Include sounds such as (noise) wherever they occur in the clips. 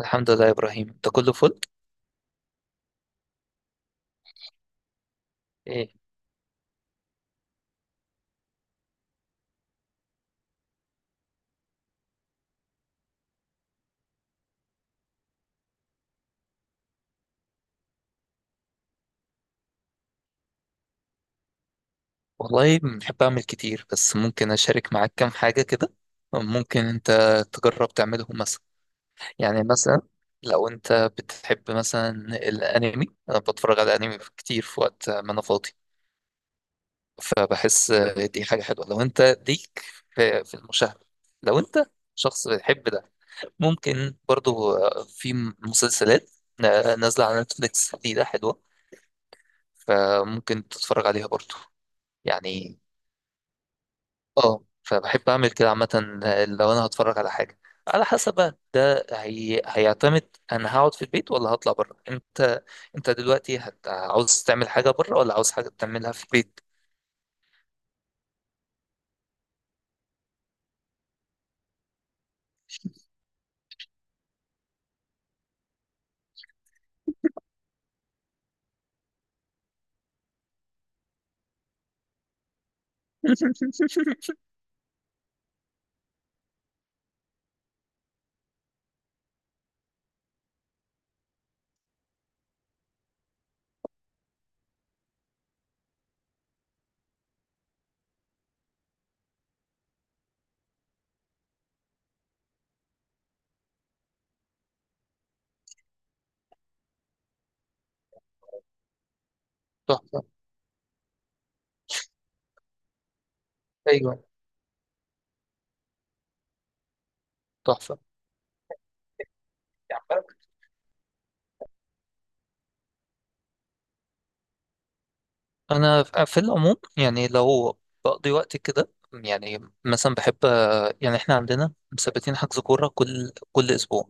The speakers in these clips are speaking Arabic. الحمد لله يا إبراهيم أنت كله فل؟ إيه؟ والله بحب أعمل كتير، بس ممكن أشارك معاك كام حاجة كده. ممكن أنت تجرب تعملهم مثلا. يعني مثلا لو أنت بتحب مثلا الأنمي، أنا بتفرج على أنمي كتير في وقت ما أنا فاضي، فبحس دي حاجة حلوة لو أنت ليك في المشاهدة. لو أنت شخص بتحب ده، ممكن برضو في مسلسلات نازلة على نتفليكس دي، ده حلوة فممكن تتفرج عليها برضو. يعني، اه فبحب اعمل كده عامة. لو انا هتفرج على حاجة، على حسب بقى هيعتمد انا هقعد في البيت ولا هطلع بره. انت دلوقتي عاوز تعمل حاجة بره ولا عاوز حاجة تعملها في البيت؟ (laughs) تحفة. ايوه، تحفة. يعني انا في العموم، يعني لو بقضي وقت كده، يعني مثلا بحب، يعني احنا عندنا مثبتين حجز كورة كل اسبوع.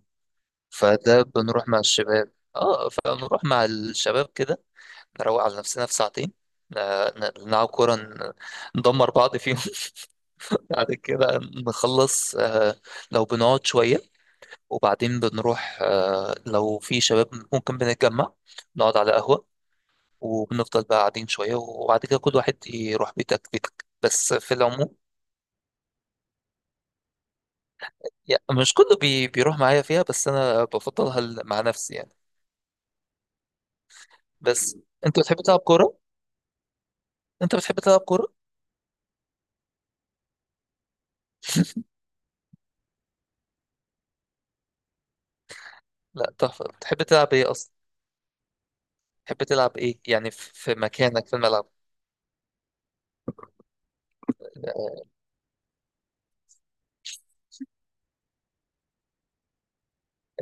فده بنروح مع الشباب اه فبنروح مع الشباب كده، نروق على نفسنا في ساعتين، ن- نلعب كورة، ندمر بعض فيهم. (laughs) بعد كده نخلص، لو بنقعد شوية وبعدين بنروح، لو في شباب ممكن بنتجمع نقعد على قهوة وبنفضل بقى قاعدين شوية، وبعد كده كل واحد يروح بيتك بيتك. بس في العموم يعني مش كله بيروح معايا فيها، بس أنا بفضلها مع نفسي يعني. بس أنت بتحب تلعب كورة؟ أنت بتحب تلعب كورة؟ لا تحفة، بتحب تلعب إيه أصلا؟ بتحب تلعب إيه يعني في مكانك في الملعب؟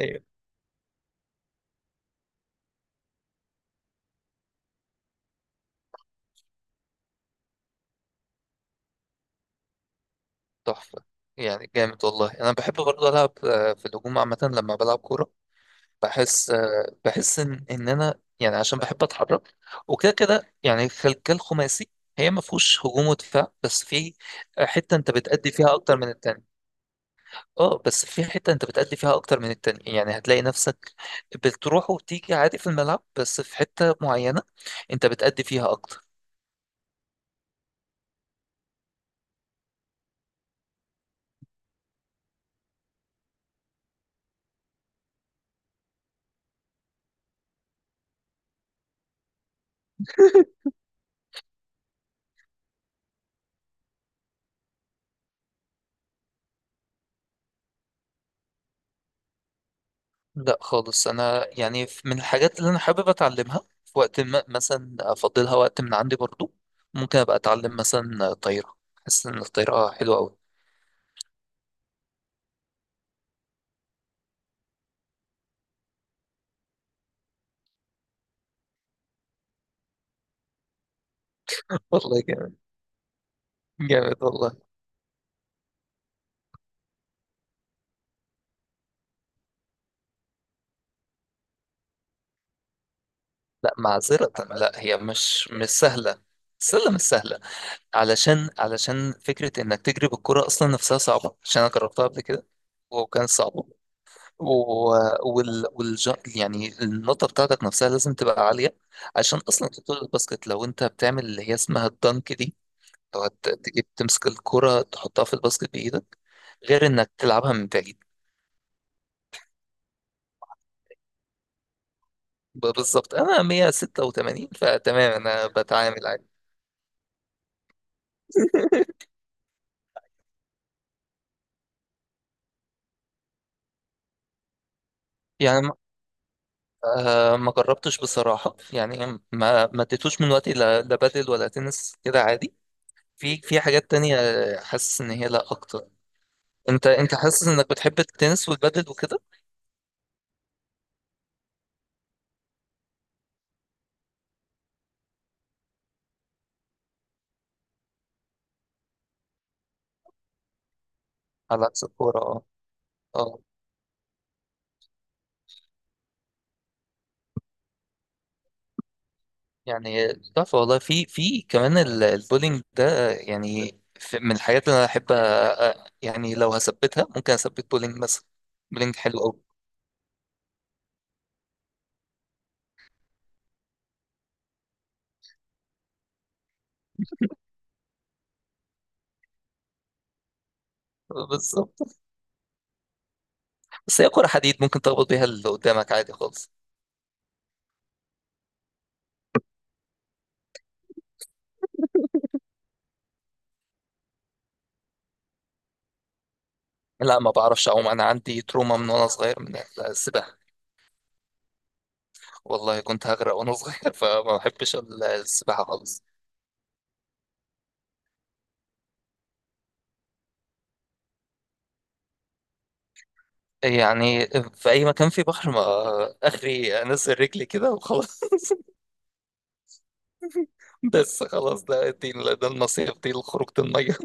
ايوه، تحفة. يعني جامد والله، انا بحب برضه العب في الهجوم عامة لما بلعب كورة. بحس ان انا، يعني عشان بحب اتحرك وكده كده، يعني الخلية الخماسي هي ما فيهوش هجوم ودفاع، بس في حتة انت بتأدي فيها اكتر من التاني. اه، بس في حتة انت بتأدي فيها اكتر من التاني، يعني هتلاقي نفسك بتروح وتيجي عادي في الملعب، بس في حتة معينة انت بتأدي فيها اكتر. لا خالص، انا يعني من الحاجات اللي انا حابب اتعلمها في وقت ما، مثلا افضلها وقت من عندي برضو، ممكن ابقى اتعلم مثلا طايره. حاسس ان الطايره حلوه قوي. (laughs) والله جامد، جامد والله. لا معذره، لا هي مش سهله، السله مش سهله. علشان فكره انك تجري بالكره اصلا نفسها صعبه، عشان انا جربتها قبل كده وكان صعب، و- وال والج... يعني النقطة بتاعتك نفسها لازم تبقى عالية، عشان أصلا تطول الباسكت لو أنت بتعمل اللي هي اسمها الدنك دي. لو تجيب تمسك الكرة تحطها في الباسكت بإيدك، غير إنك تلعبها من بعيد. بالظبط، أنا 186 فتمام، أنا بتعامل عادي. (laughs) يعني ما جربتش بصراحة، يعني ما اديتوش من وقتي لا بادل ولا تنس كده عادي. في حاجات تانية، حاسس إن هي لا أكتر. انت حاسس انك بتحب التنس والبادل وكده؟ على عكس الكوره اه. اه، يعني تحفه والله. في كمان البولينج ده، يعني في من الحاجات اللي انا احب يعني، لو هثبتها ممكن اثبت بولينج مثلا. بولينج حلو قوي. بالظبط، بس هي كره حديد ممكن تخبط بيها اللي قدامك عادي خالص. لا ما بعرفش اعوم، انا عندي تروما من وانا صغير من السباحه، والله كنت هغرق وانا صغير. (laughs) فما بحبش السباحه خالص. يعني في أي مكان في بحر، ما آخري أنزل رجلي كده وخلاص. (laughs) بس خلاص، ده النصيحة دي لخروجة المية.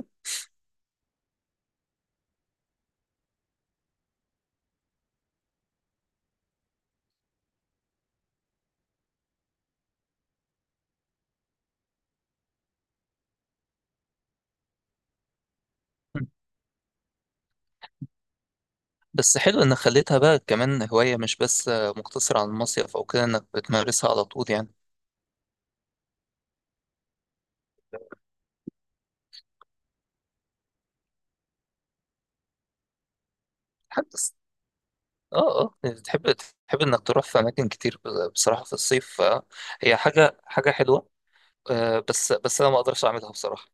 بس حلو إنك خليتها بقى كمان هواية، مش بس مقتصرة على المصيف أو كده، إنك بتمارسها على طول يعني. حدث. اه، اه، يعني تحب إنك تروح في أماكن كتير، بصراحة في الصيف، فهي حاجة حاجة حلوة. بس أنا ما أقدرش أعملها بصراحة.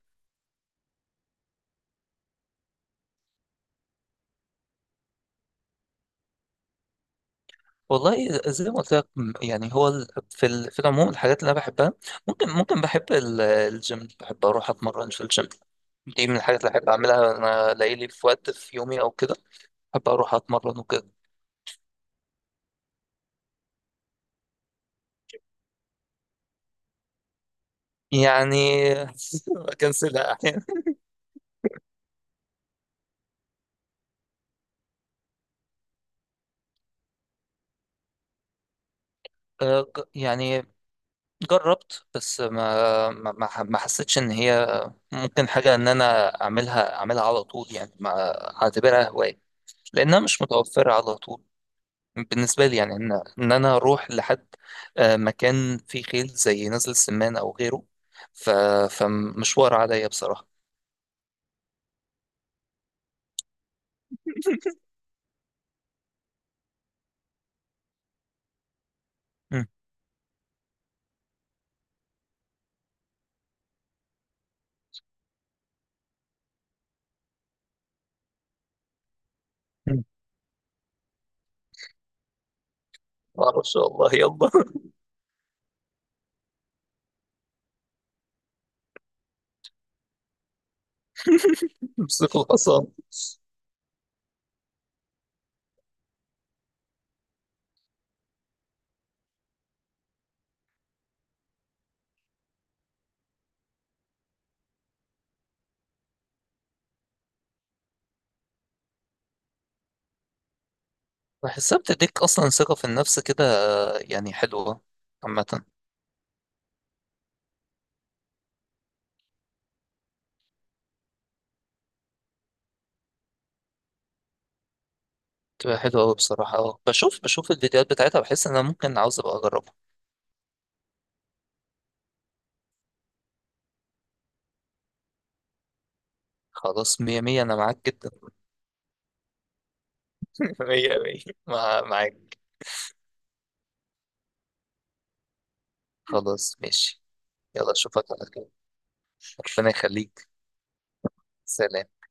والله زي ما قلت لك، يعني هو في العموم الحاجات اللي انا بحبها، ممكن بحب الجيم، بحب اروح اتمرن في الجيم. دي من الحاجات اللي احب اعملها، انا الاقي لي في وقت في يومي او كده، بحب اروح اتمرن وكده يعني. (laughs) بكنسلها احيانا. يعني جربت، بس ما حسيتش ان هي ممكن حاجه ان انا اعملها على طول، يعني ما اعتبرها هوايه، لانها مش متوفره على طول بالنسبة لي. يعني إن أنا أروح لحد مكان فيه خيل زي نزل السمان أو غيره، ف... فمشوار عليا بصراحة. (laughs) مم. مم. معرفش والله، يلا. (laughs) امسك الحصان. بحسها بتديك أصلا ثقة في النفس كده، يعني حلوة. عامة بتبقى حلوة أوي بصراحة. بشوف الفيديوهات بتاعتها، بحس إن أنا ممكن عاوز أبقى أجربها. خلاص مية مية، أنا معاك جدا. (laughs) مية مية، معاك. خلاص ماشي، يلا أشوفك على خير، ربنا يخليك. سلام.